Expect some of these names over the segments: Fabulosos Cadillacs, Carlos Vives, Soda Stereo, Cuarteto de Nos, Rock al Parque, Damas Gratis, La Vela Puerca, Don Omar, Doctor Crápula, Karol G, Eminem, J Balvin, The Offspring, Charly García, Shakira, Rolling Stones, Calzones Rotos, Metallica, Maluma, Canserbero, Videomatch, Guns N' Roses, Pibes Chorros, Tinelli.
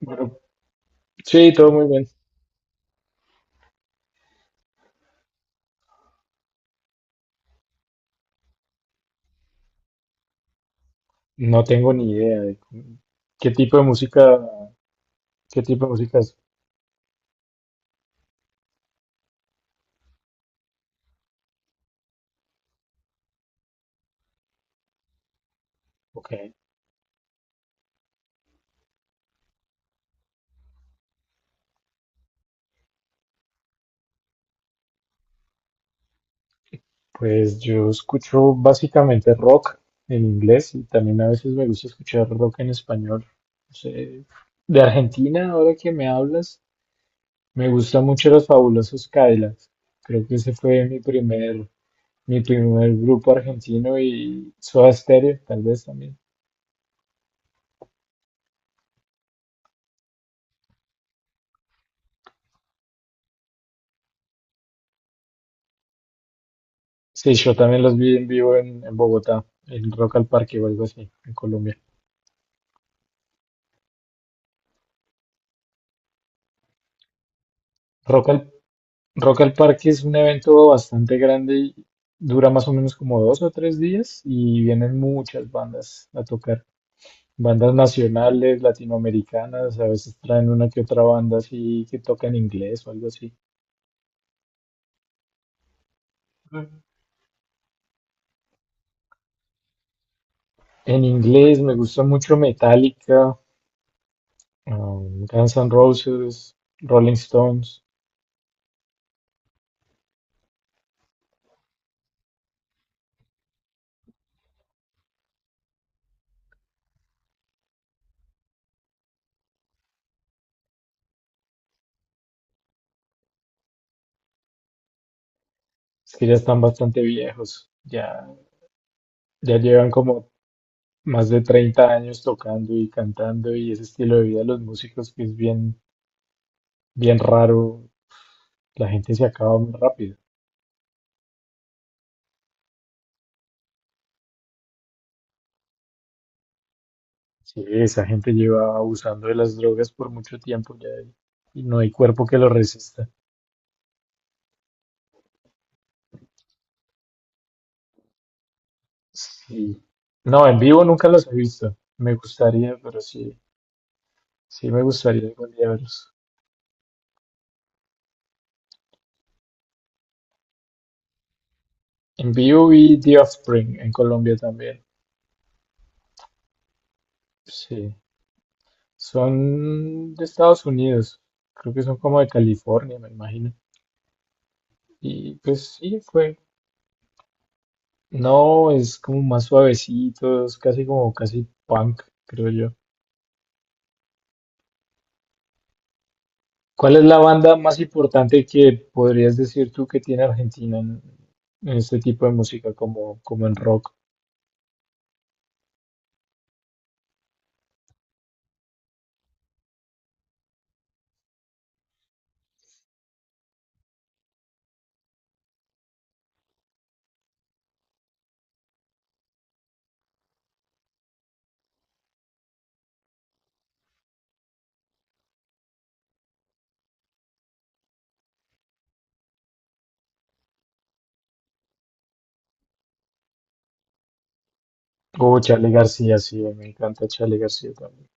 Bueno, sí, todo muy bien. No tengo ni idea de qué tipo de música, qué tipo de música es. Ok, pues yo escucho básicamente rock en inglés y también a veces me gusta escuchar rock en español. No sé, de Argentina, ahora que me hablas, me gustan mucho los Fabulosos Cadillacs. Creo que ese fue mi primer grupo argentino y Soda Stereo, tal vez también. Sí, yo también los vi en vivo en Bogotá, en Rock al Parque o algo así, en Colombia. Rock al, Rock al Parque es un evento bastante grande y dura más o menos como 2 o 3 días y vienen muchas bandas a tocar. Bandas nacionales, latinoamericanas, a veces traen una que otra banda así que toca en inglés o algo así. Mm. En inglés me gusta mucho Metallica, Guns N' Roses, Rolling Stones, es que ya están bastante viejos, ya, ya llevan como más de 30 años tocando y cantando y ese estilo de vida de los músicos que es bien, bien raro, la gente se acaba muy rápido. Sí, esa gente lleva abusando de las drogas por mucho tiempo ya y no hay cuerpo que lo resista. Sí. No, en vivo nunca los he visto. Me gustaría, pero sí, sí me gustaría algún día verlos. En vivo vi The Offspring en Colombia también. Sí. Son de Estados Unidos. Creo que son como de California, me imagino. Y pues sí, fue. No, es como más suavecitos, casi como casi punk, creo yo. ¿Cuál es la banda más importante que podrías decir tú que tiene Argentina en este tipo de música, como, como en rock? O Charly García, sí, me encanta Charly García también.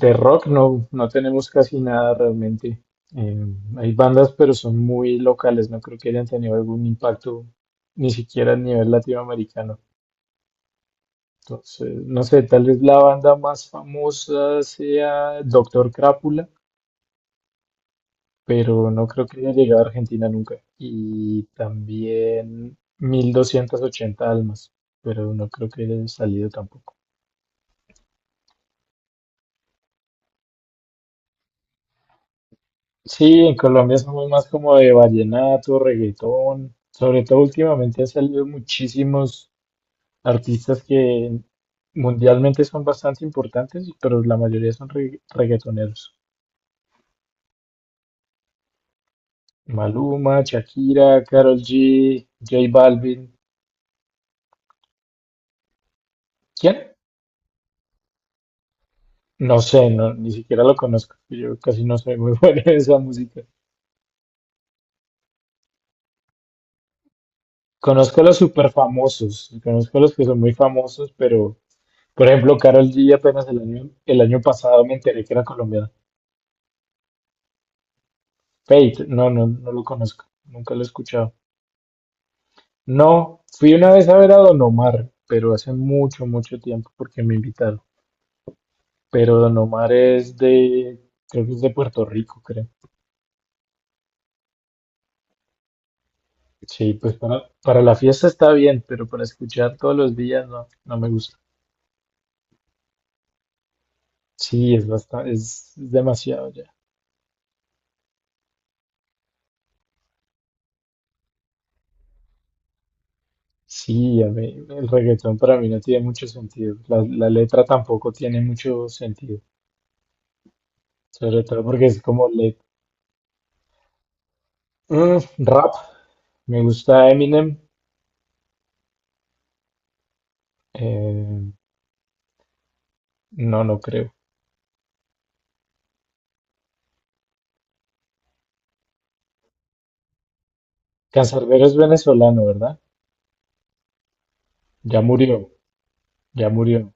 De rock no, no tenemos casi nada realmente. Eh, hay bandas, pero son muy locales, no creo que hayan tenido algún impacto ni siquiera a nivel latinoamericano. Entonces, no sé, tal vez la banda más famosa sea Doctor Crápula, pero no creo que haya llegado a Argentina nunca. Y también 1280 almas, pero no creo que haya salido tampoco. Sí, en Colombia somos más como de vallenato, reggaetón. Sobre todo últimamente han salido muchísimos artistas que mundialmente son bastante importantes, pero la mayoría son reggaetoneros. Maluma, Shakira, Karol G, J Balvin. ¿Quién? No sé, no, ni siquiera lo conozco. Yo casi no soy muy bueno en esa música. Conozco a los super famosos, conozco a los que son muy famosos, pero por ejemplo, Karol G apenas el año pasado me enteré que era colombiana. Fate, no, no, no lo conozco, nunca lo he escuchado. No, fui una vez a ver a Don Omar, pero hace mucho, mucho tiempo porque me invitaron. Pero Don Omar es de, creo que es de Puerto Rico, creo. Sí, para la fiesta está bien, pero para escuchar todos los días no, no me gusta. Sí, es bastante, es demasiado ya. Sí, a mí, el reggaetón para mí no tiene mucho sentido. La letra tampoco tiene mucho sentido. Sobre todo porque es como le mm, rap. Me gusta Eminem. eh, no, no creo. Canserbero es venezolano, ¿verdad? Ya murió, ya murió.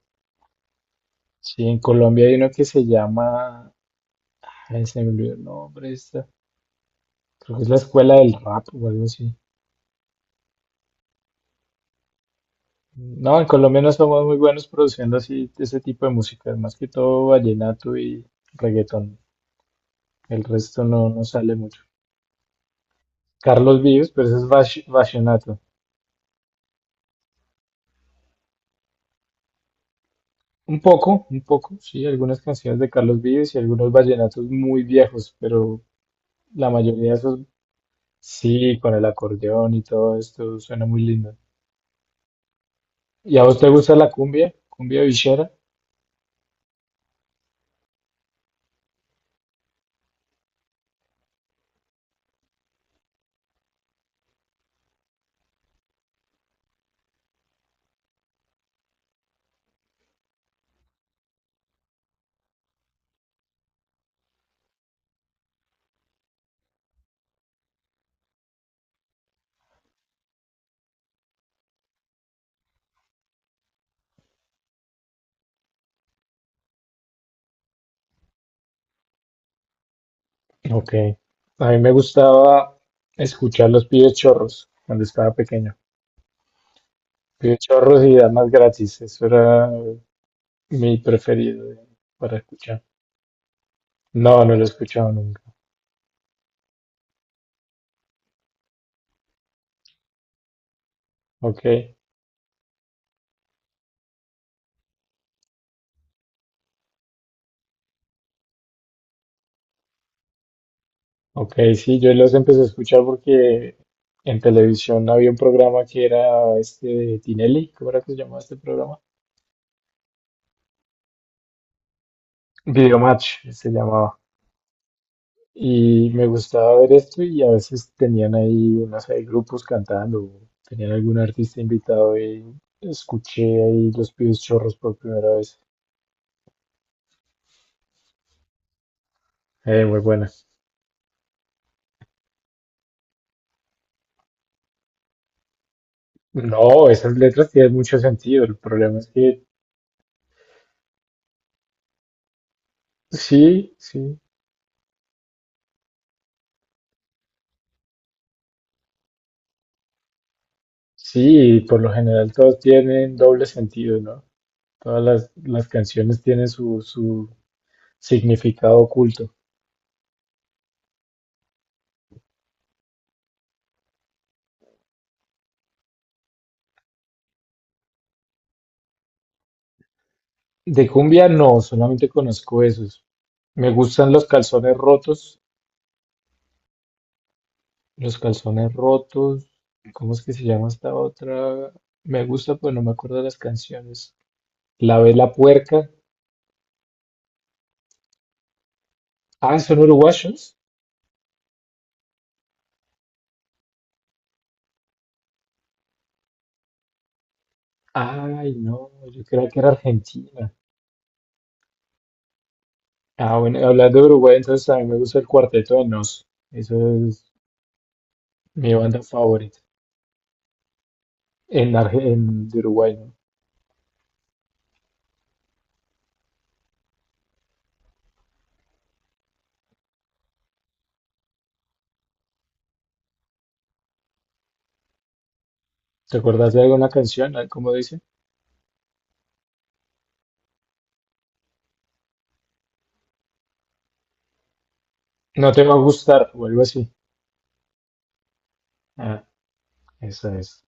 Sí, en Colombia hay uno que se llama. Ay, se me olvidó el nombre. Creo que es la escuela del rap o algo así. No, en Colombia no somos muy buenos produciendo así ese tipo de música, más que todo vallenato y reggaetón. El resto no, no sale mucho. Carlos Vives, pero eso es vallenato. Un poco, sí, algunas canciones de Carlos Vives y algunos vallenatos muy viejos, pero la mayoría de esos sí, con el acordeón y todo esto, suena muy lindo. ¿Y a vos te gusta la cumbia? ¿Cumbia villera? Ok. A mí me gustaba escuchar los Pibes Chorros cuando estaba pequeño. Pide Chorros y Damas Gratis. Eso era mi preferido para escuchar. No, no lo he escuchado nunca. Ok, ok, sí, yo los empecé a escuchar porque en televisión había un programa que era este de Tinelli. ¿Cómo era que se llamaba este programa? Videomatch se llamaba. Y me gustaba ver esto y a veces tenían ahí, no sé, grupos cantando, o tenían algún artista invitado y escuché ahí los Pibes Chorros por primera vez. Muy buena. No, esas letras tienen mucho sentido. El problema es que sí, sí, sí, por lo general todas tienen doble sentido, ¿no? Todas las canciones tienen su significado oculto. De cumbia no, solamente conozco esos. Me gustan los Calzones Rotos, los Calzones Rotos, ¿cómo es que se llama esta otra? Me gusta, pero no me acuerdo de las canciones. La Vela Puerca. Ah, son uruguayos. Ay, no, yo creía que era argentino. Ah, bueno, hablando de Uruguay, entonces a mí me gusta el Cuarteto de Nos. Eso es mi banda favorita en, en de Uruguay, ¿no? ¿Te acuerdas de alguna canción? Ah, ¿cómo dice? No te va a gustar o algo así. Ah, esa es.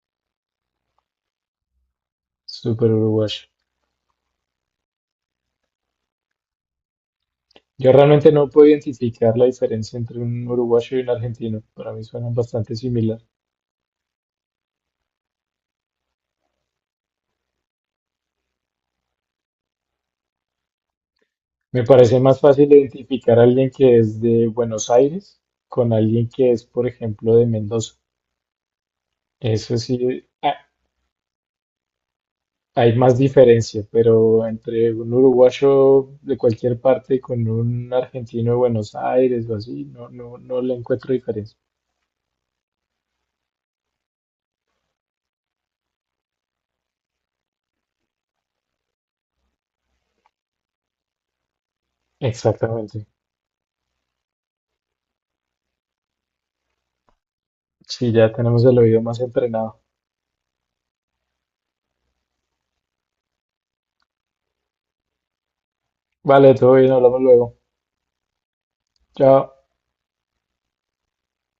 Súper uruguayo. Yo realmente no puedo identificar la diferencia entre un uruguayo y un argentino. Para mí suenan bastante similar. Me parece más fácil identificar a alguien que es de Buenos Aires con alguien que es, por ejemplo, de Mendoza. Eso sí, ah, hay más diferencia, pero entre un uruguayo de cualquier parte con un argentino de Buenos Aires o así, no, no, no le encuentro diferencia. Exactamente. Sí, ya tenemos el oído más entrenado. Vale, todo bien, hablamos luego. Chao.